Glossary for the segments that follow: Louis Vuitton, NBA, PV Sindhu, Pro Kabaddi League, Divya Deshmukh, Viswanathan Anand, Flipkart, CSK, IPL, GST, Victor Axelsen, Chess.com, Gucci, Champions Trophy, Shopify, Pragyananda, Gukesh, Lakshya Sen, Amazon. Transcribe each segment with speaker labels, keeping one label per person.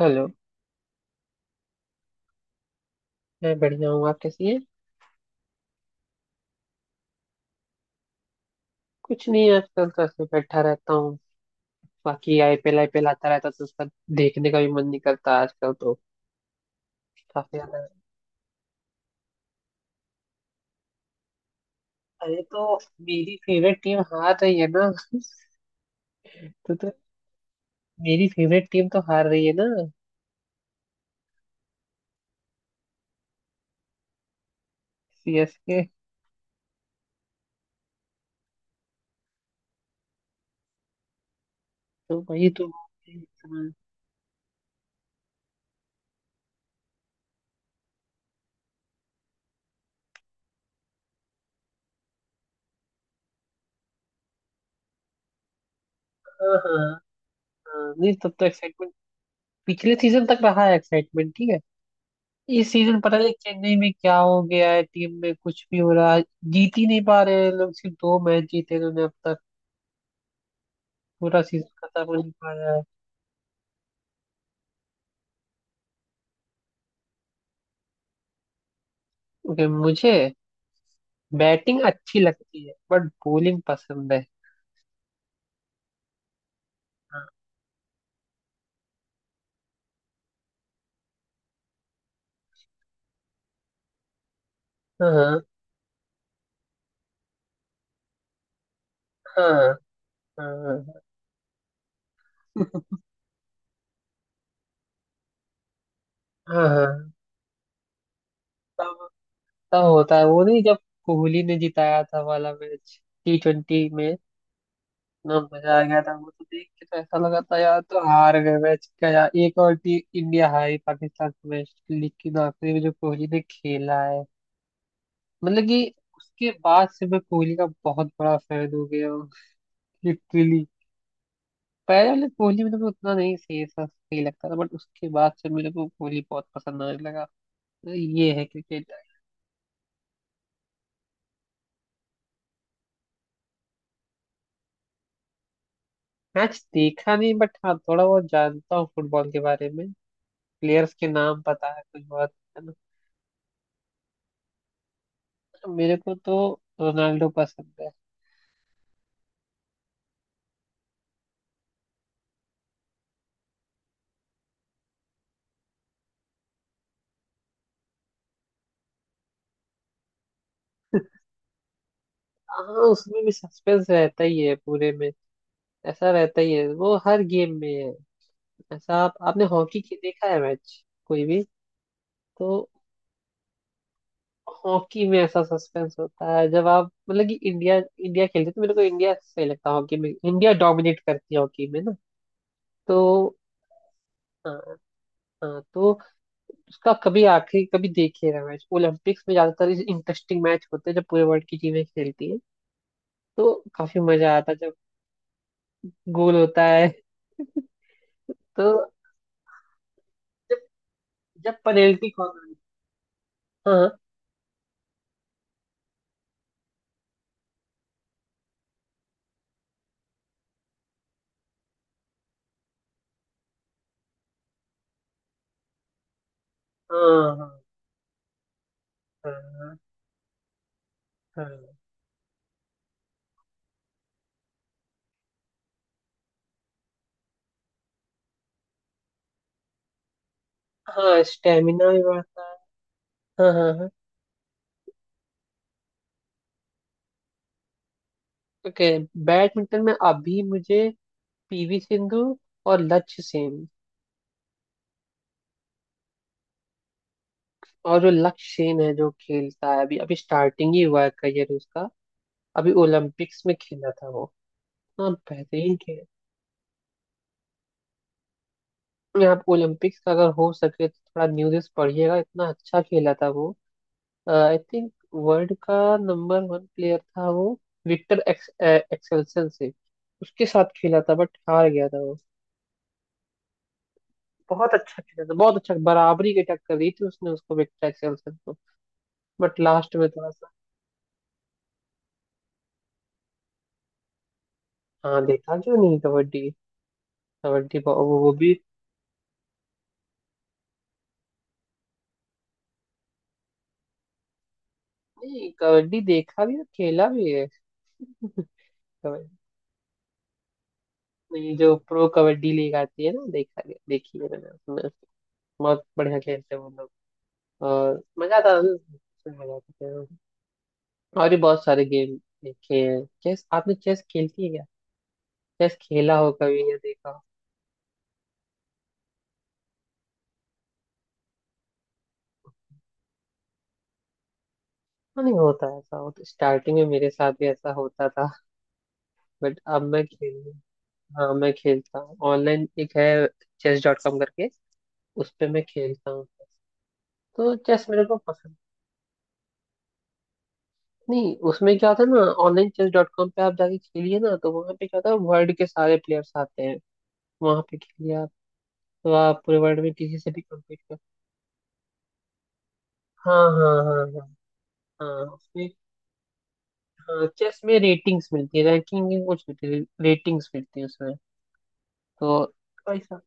Speaker 1: Hello. मैं बढ़िया हूँ, आप कैसी हैं? कुछ नहीं, आजकल तो ऐसे बैठा रहता हूँ। बाकी आईपीएल आईपीएल आता रहता तो उसका देखने का भी मन नहीं करता आजकल तो। काफी ज्यादा। अरे तो मेरी फेवरेट टीम हार रही है ना तो मेरी फेवरेट टीम तो हार रही है ना। सीएसके। तो वही तो, हाँ। हाँ। हाँ, नहीं तब तो एक्साइटमेंट पिछले सीजन तक रहा है। एक्साइटमेंट ठीक है। इस सीजन पता नहीं चेन्नई में क्या हो गया है, टीम में कुछ भी हो रहा है। जीत ही नहीं पा रहे हैं लोग, सिर्फ दो मैच जीते इन्होंने अब तक। पूरा सीजन खत्म हो नहीं पाया है। ओके मुझे बैटिंग अच्छी लगती है, बट बॉलिंग पसंद है। हाँ। हाँ। हाँ। हाँ। हाँ। हाँ, तब तब होता है वो, नहीं जब कोहली ने जिताया था वाला मैच, टी20 में। इतना मजा आ गया था वो तो, देख के तो ऐसा लगा था यार तो हार गए मैच का, यार एक और टी इंडिया हारी पाकिस्तान के मैच, लेकिन आखिरी में जो कोहली ने खेला है मतलब कि उसके बाद से मैं कोहली का बहुत बड़ा फैन हो गया हूँ। लिटरली। पहले वाले कोहली मेरे को उतना नहीं, सही सा सही लगता था बट उसके बाद से मेरे को कोहली बहुत पसंद आने लगा। तो ये है क्रिकेट। मैच देखा नहीं बट हाँ थोड़ा बहुत जानता हूँ फुटबॉल के बारे में। प्लेयर्स के नाम पता है कुछ। बहुत है ना। तो मेरे को तो रोनाल्डो पसंद है। हाँ, उसमें भी सस्पेंस रहता ही है पूरे में। ऐसा रहता ही है वो, हर गेम में है ऐसा। आप आपने हॉकी की देखा है मैच कोई भी? तो हॉकी में ऐसा सस्पेंस होता है जब आप मतलब कि इंडिया इंडिया खेलती है तो मेरे को इंडिया सही लगता है, हॉकी में इंडिया डोमिनेट करती है हॉकी में ना। तो हाँ। हाँ, तो उसका कभी आखिरी कभी देखे रहा मैच। ओलंपिक्स में ज्यादातर इंटरेस्टिंग मैच होते हैं जब पूरे वर्ल्ड की टीमें खेलती है तो काफी मजा आता है जब गोल होता है। तो जब जब पेनल्टी कॉर्नर। हाँ। हाँ। हाँ। हाँ। हाँ, स्टेमिना भी बढ़ता है। हाँ। हाँ। हाँ। ओके, बैडमिंटन में अभी मुझे पीवी सिंधु और लक्ष्य सेन। और जो लक्ष्य सेन है जो खेलता है, अभी अभी स्टार्टिंग ही हुआ है करियर उसका, अभी ओलंपिक्स में खेला था वो। हाँ बेहतरीन खेल। आप ओलंपिक्स का अगर हो सके तो थोड़ा न्यूज़ पढ़िएगा, इतना अच्छा खेला था वो। आई थिंक वर्ल्ड का नंबर वन प्लेयर था वो, विक्टर एक्सेल्सन से उसके साथ खेला था बट हार गया था वो। बहुत अच्छा खेला था, बहुत अच्छा बराबरी की टक्कर दी थी उसने उसको, विक्टर एक्सेल्सन को। बट लास्ट में थोड़ा। हाँ देखा क्यों नहीं कबड्डी। कबड्डी वो भी। नहीं कबड्डी देखा भी और खेला भी है। कबड्डी, ये जो प्रो कबड्डी लीग आती है ना देखा, गया देखी है मैंने उसमें, बहुत बढ़िया खेलते हैं वो लोग। और मजा आता है उसमें, मजा आता है। और भी बहुत सारे गेम देखे हैं। चेस आपने, चेस खेलती है क्या? चेस खेला हो कभी या देखा हो? हाँ, नहीं होता है ऐसा, होता स्टार्टिंग में मेरे साथ भी ऐसा होता था बट अब मैं खेल। हाँ मैं खेलता हूँ ऑनलाइन, एक है chess.com करके, उस पे मैं खेलता हूँ। तो चेस मेरे को पसंद। नहीं उसमें क्या होता है ना, ऑनलाइन chess.com पे आप जाके खेलिए ना तो वहाँ पे क्या होता है, वर्ल्ड के सारे प्लेयर्स आते हैं वहाँ पे, खेलिए आप तो आप पूरे वर्ल्ड में किसी से भी कम्पीट कर। हाँ। हाँ। हाँ। हाँ। हाँ उसमें। हाँ, चेस में रेटिंग्स मिलती है, रैंकिंग कुछ मिलती है, रेटिंग्स मिलती है उसमें तो। ऐसा।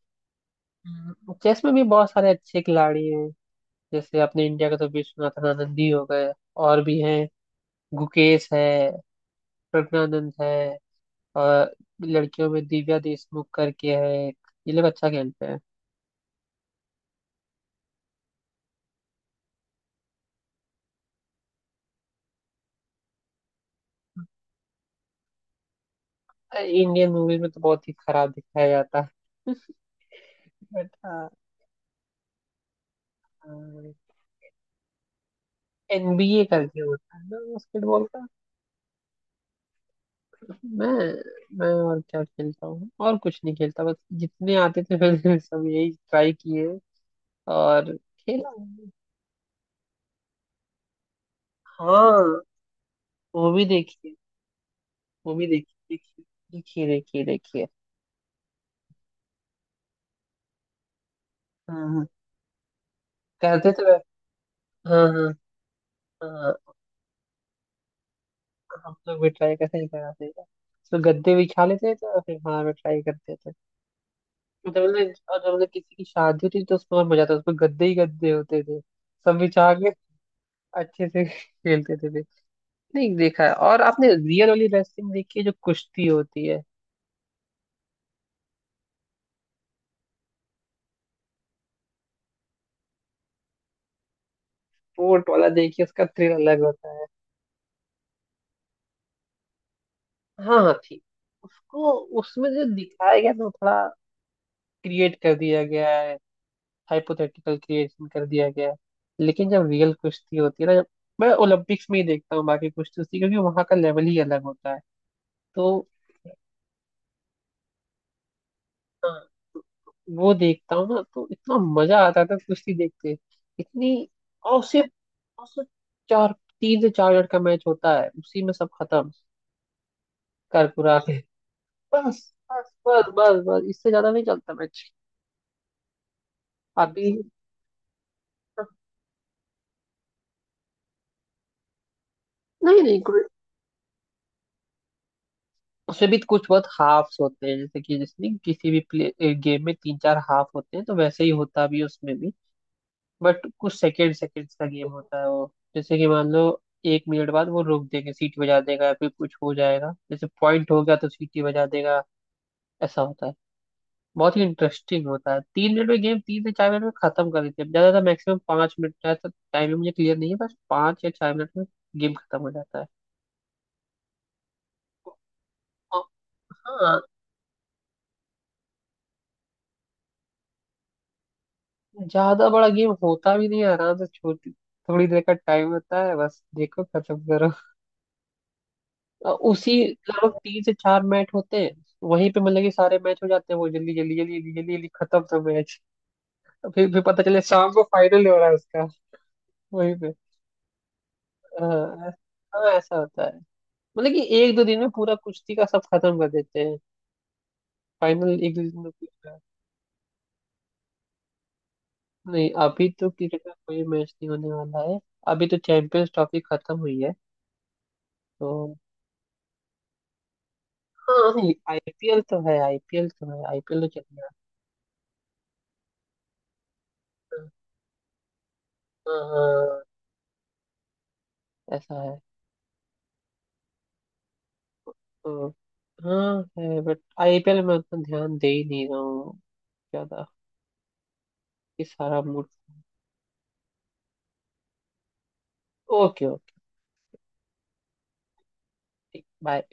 Speaker 1: चेस में भी बहुत सारे अच्छे खिलाड़ी हैं, जैसे अपने इंडिया का तो विश्वनाथन आनंद ही हो गए, और भी हैं। गुकेश है, प्रज्ञानंद है, और लड़कियों में दिव्या देशमुख करके है एक। ये लोग अच्छा खेलते हैं। इंडियन मूवीज में तो बहुत ही खराब दिखाया जाता है। बट एनबीए करके होता है ना बास्केटबॉल का। मैं मैं और क्या खेलता हूँ, और कुछ नहीं खेलता, बस जितने आते थे मैंने सब यही ट्राई किए और खेला। हाँ वो भी देखिए, वो भी देखिए, देखिए देखिए देखिए देखिए। हाँ। हाँ, करते तो हाँ। हाँ। हाँ, हम लोग भी ट्राई करते ही, करा देगा तो गद्दे बिछा लेते थे और फिर खाना में ट्राई करते थे। और जब मतलब किसी की शादी होती थी तो उसमें और मजा आता था, उसमें गद्दे ही गद्दे होते थे सब बिछा के, अच्छे से खेलते थे फिर। नहीं देखा है। और आपने रियल वाली रेसलिंग देखी है जो कुश्ती होती है? स्पोर्ट वाला देखिए उसका थ्रिल अलग होता है। हाँ हाँ ठीक। उसको, उसमें जो दिखाया गया ना वो थोड़ा क्रिएट कर दिया गया है, हाइपोथेटिकल क्रिएशन कर दिया गया है। लेकिन जब रियल कुश्ती होती है ना, जब मैं ओलंपिक्स में ही देखता हूँ बाकी कुश्ती उश्ती, क्योंकि वहां का लेवल ही अलग होता है तो। वो देखता हूँ ना तो इतना मजा आता था कुश्ती देखते। इतनी। और सिर्फ और सिर्फ चार, 3 से 4 मिनट का मैच होता है, उसी में सब खत्म कर कुरा के बस, बस, बस, बस, बस, इससे ज्यादा नहीं चलता मैच। अभी नहीं नहीं, उसमें भी कुछ बहुत हाफ्स होते हैं जैसे कि जिसमें किसी भी प्ले गेम में तीन चार हाफ होते हैं तो वैसे ही होता भी है उसमें भी। बट कुछ सेकेंड्स का गेम होता है वो। जैसे कि मान लो 1 मिनट बाद वो रोक देंगे, सीटी बजा देगा या फिर कुछ हो जाएगा, जैसे पॉइंट हो गया तो सीटी बजा देगा, ऐसा होता है। बहुत ही इंटरेस्टिंग होता है, 3 मिनट में गेम, 3 से 4 मिनट में खत्म कर देते हैं ज्यादातर। मैक्सिमम 5 मिनट का है तो, टाइम मुझे क्लियर नहीं है, बस 5 या 4 मिनट में गेम खत्म हो जाता है। और- हाँ ज्यादा बड़ा गेम होता भी नहीं है आराम से, छोटी थोड़ी देर का टाइम होता है, बस देखो खत्म करो। और उसी, लगभग 3 से 4 मैच होते हैं वहीं पे, मतलब कि सारे मैच हो जाते हैं वो जल्दी जल्दी जल्दी जल्दी जल्दी जल्दी, खत्म सब मैच। फिर पता चले शाम को फाइनल हो रहा है उसका वहीं पे। हाँ। हाँ ऐसा होता है, मतलब कि 1-2 दिन में पूरा कुश्ती का सब खत्म कर देते हैं, फाइनल 1-2 दिन में पूछ रहा है। नहीं अभी तो क्रिकेट का कोई मैच नहीं होने वाला है, अभी तो चैंपियंस ट्रॉफी खत्म हुई है तो। हाँ नहीं आईपीएल तो है, आईपीएल तो है, आईपीएल तो चल रहा है। हाँ हाँ, ऐसा है तो। हाँ है, बट आईपीएल में मैं उतना ध्यान दे ही नहीं रहा हूँ ज्यादा कि सारा मूड। Okay okay. ठीक, बाय।